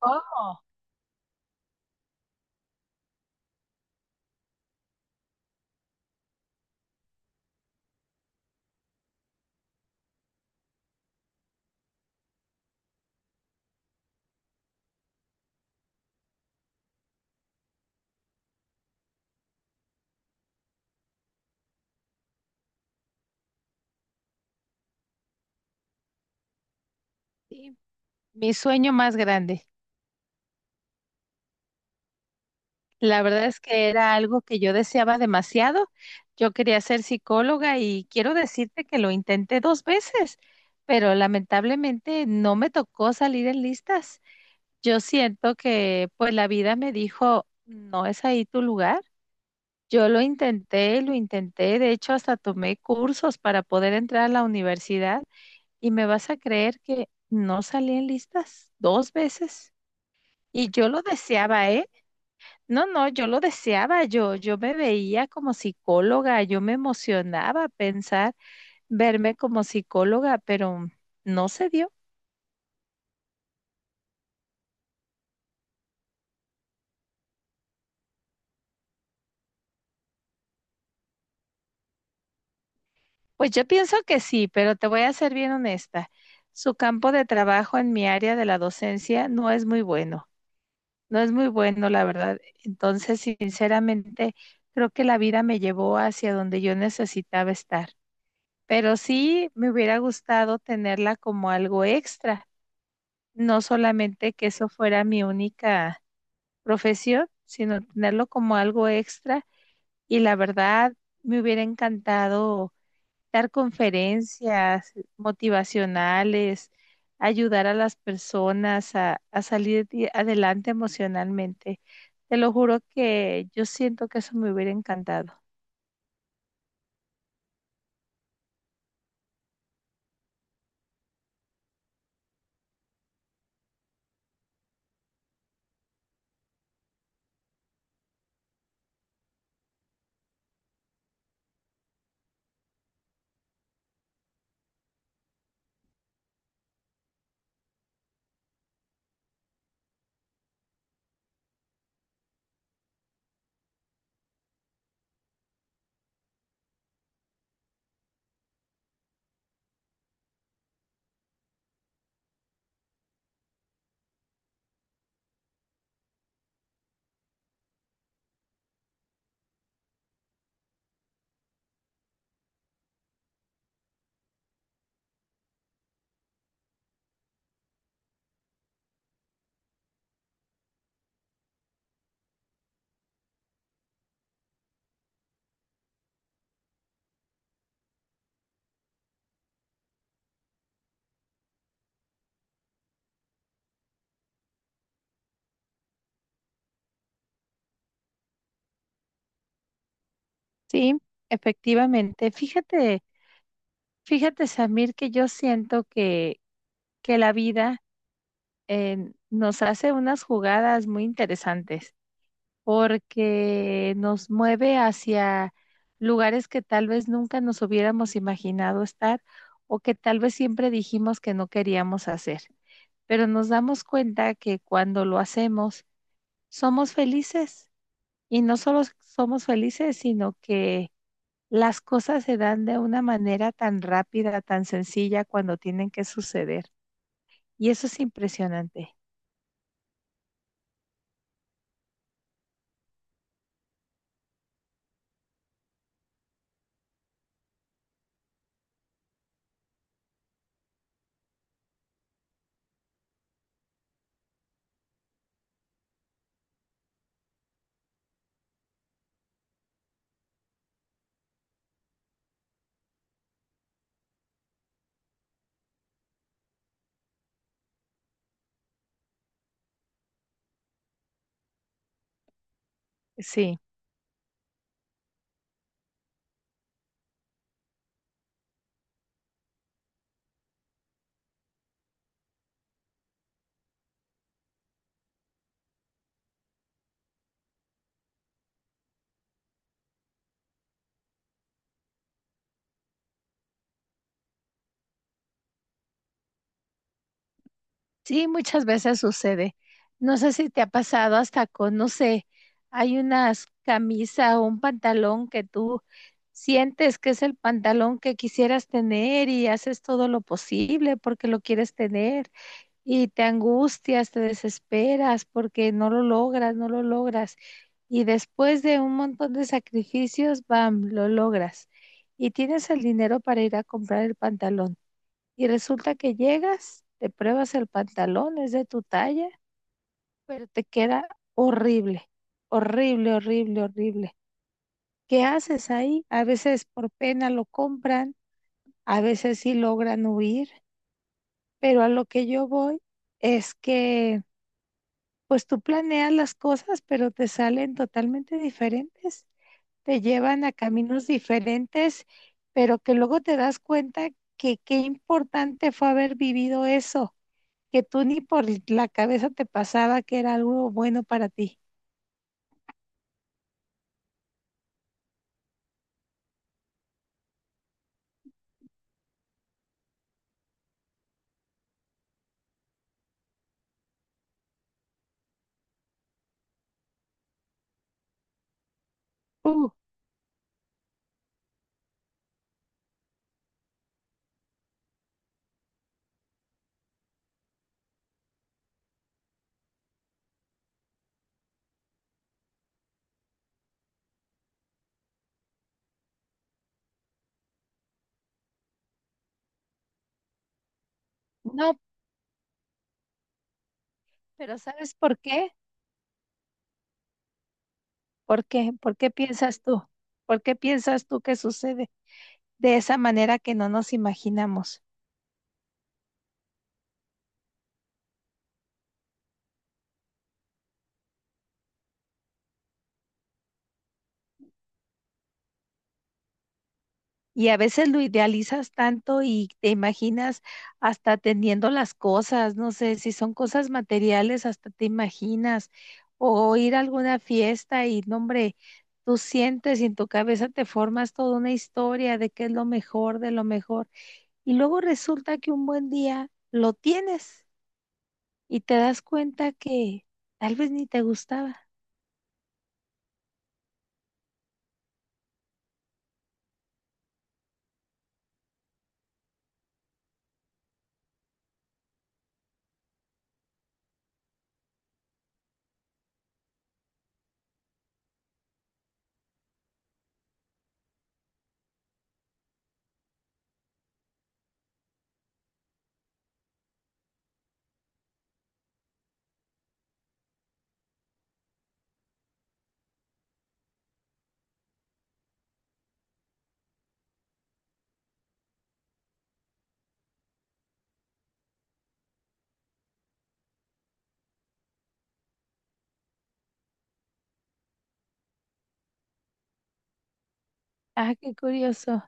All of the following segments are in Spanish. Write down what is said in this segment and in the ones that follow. Oh, sí, mi sueño más grande. La verdad es que era algo que yo deseaba demasiado. Yo quería ser psicóloga y quiero decirte que lo intenté dos veces, pero lamentablemente no me tocó salir en listas. Yo siento que pues la vida me dijo, no es ahí tu lugar. Yo lo intenté, de hecho hasta tomé cursos para poder entrar a la universidad y me vas a creer que no salí en listas dos veces. Y yo lo deseaba, ¿eh? No, no, yo lo deseaba, yo me veía como psicóloga, yo me emocionaba pensar verme como psicóloga, pero no se dio. Pues yo pienso que sí, pero te voy a ser bien honesta. Su campo de trabajo en mi área de la docencia no es muy bueno, no es muy bueno, la verdad. Entonces, sinceramente, creo que la vida me llevó hacia donde yo necesitaba estar. Pero sí me hubiera gustado tenerla como algo extra, no solamente que eso fuera mi única profesión, sino tenerlo como algo extra. Y la verdad, me hubiera encantado dar conferencias motivacionales, ayudar a las personas a salir adelante emocionalmente. Te lo juro que yo siento que eso me hubiera encantado. Sí, efectivamente. Fíjate, fíjate, Samir, que yo siento que la vida nos hace unas jugadas muy interesantes, porque nos mueve hacia lugares que tal vez nunca nos hubiéramos imaginado estar, o que tal vez siempre dijimos que no queríamos hacer. Pero nos damos cuenta que cuando lo hacemos, somos felices, y no solo somos felices, sino que las cosas se dan de una manera tan rápida, tan sencilla cuando tienen que suceder. Y eso es impresionante. Sí. Sí, muchas veces sucede. No sé si te ha pasado hasta con, no sé, hay unas camisa o un pantalón que tú sientes que es el pantalón que quisieras tener, y haces todo lo posible porque lo quieres tener, y te angustias, te desesperas porque no lo logras, no lo logras. Y después de un montón de sacrificios, bam, lo logras. Y tienes el dinero para ir a comprar el pantalón. Y resulta que llegas, te pruebas el pantalón, es de tu talla, pero te queda horrible, horrible, horrible, horrible. ¿Qué haces ahí? A veces por pena lo compran, a veces sí logran huir, pero a lo que yo voy es que pues tú planeas las cosas, pero te salen totalmente diferentes, te llevan a caminos diferentes, pero que luego te das cuenta que qué importante fue haber vivido eso que tú ni por la cabeza te pasaba que era algo bueno para ti. Uh, no, pero ¿sabes por qué? ¿Por qué? ¿Por qué piensas tú? ¿Por qué piensas tú que sucede de esa manera que no nos imaginamos? Y a veces lo idealizas tanto y te imaginas hasta teniendo las cosas, no sé, si son cosas materiales, hasta te imaginas, o ir a alguna fiesta y, no, hombre, tú sientes y en tu cabeza te formas toda una historia de qué es lo mejor, de lo mejor. Y luego resulta que un buen día lo tienes y te das cuenta que tal vez ni te gustaba. Ah, qué curioso.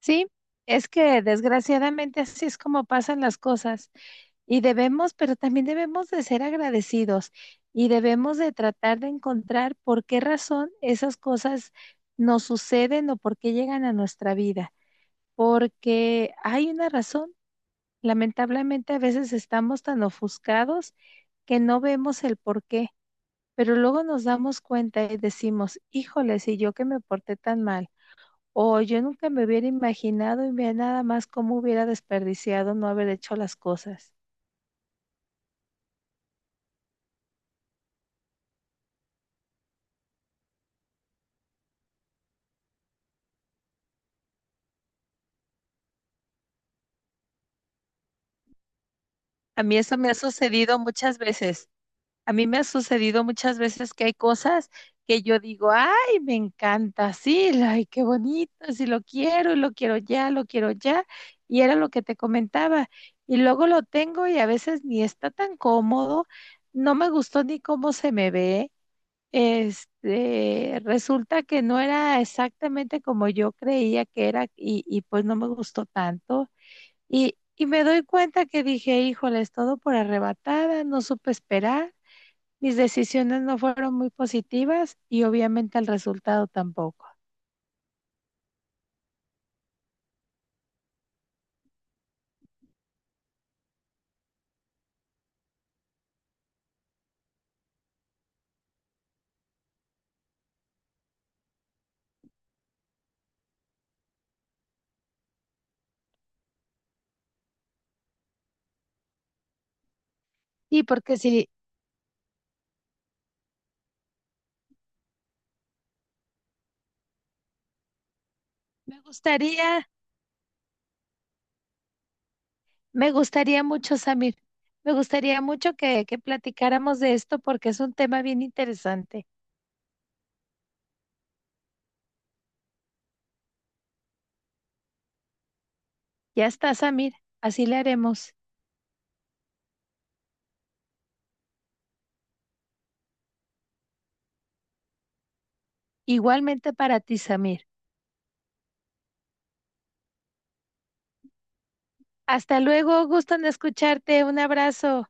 Sí, es que desgraciadamente así es como pasan las cosas, y debemos, pero también debemos de ser agradecidos, y debemos de tratar de encontrar por qué razón esas cosas nos suceden o por qué llegan a nuestra vida, porque hay una razón. Lamentablemente a veces estamos tan ofuscados que no vemos el por qué. Pero luego nos damos cuenta y decimos, híjole, si yo que me porté tan mal, o yo nunca me hubiera imaginado, y vea nada más cómo hubiera desperdiciado no haber hecho las cosas. A mí eso me ha sucedido muchas veces. A mí me ha sucedido muchas veces que hay cosas que yo digo, ay, me encanta, sí, ay, qué bonito, sí lo quiero, y lo quiero ya, lo quiero ya. Y era lo que te comentaba. Y luego lo tengo y a veces ni está tan cómodo, no me gustó ni cómo se me ve. Resulta que no era exactamente como yo creía que era, y pues no me gustó tanto. Y me doy cuenta que dije, ¡híjoles!, todo por arrebatada, no supe esperar, mis decisiones no fueron muy positivas y obviamente el resultado tampoco. Sí, porque si me gustaría. Me gustaría mucho, Samir. Me gustaría mucho que platicáramos de esto porque es un tema bien interesante. Ya está, Samir. Así le haremos. Igualmente para ti, Samir. Hasta luego. Gusto en escucharte. Un abrazo.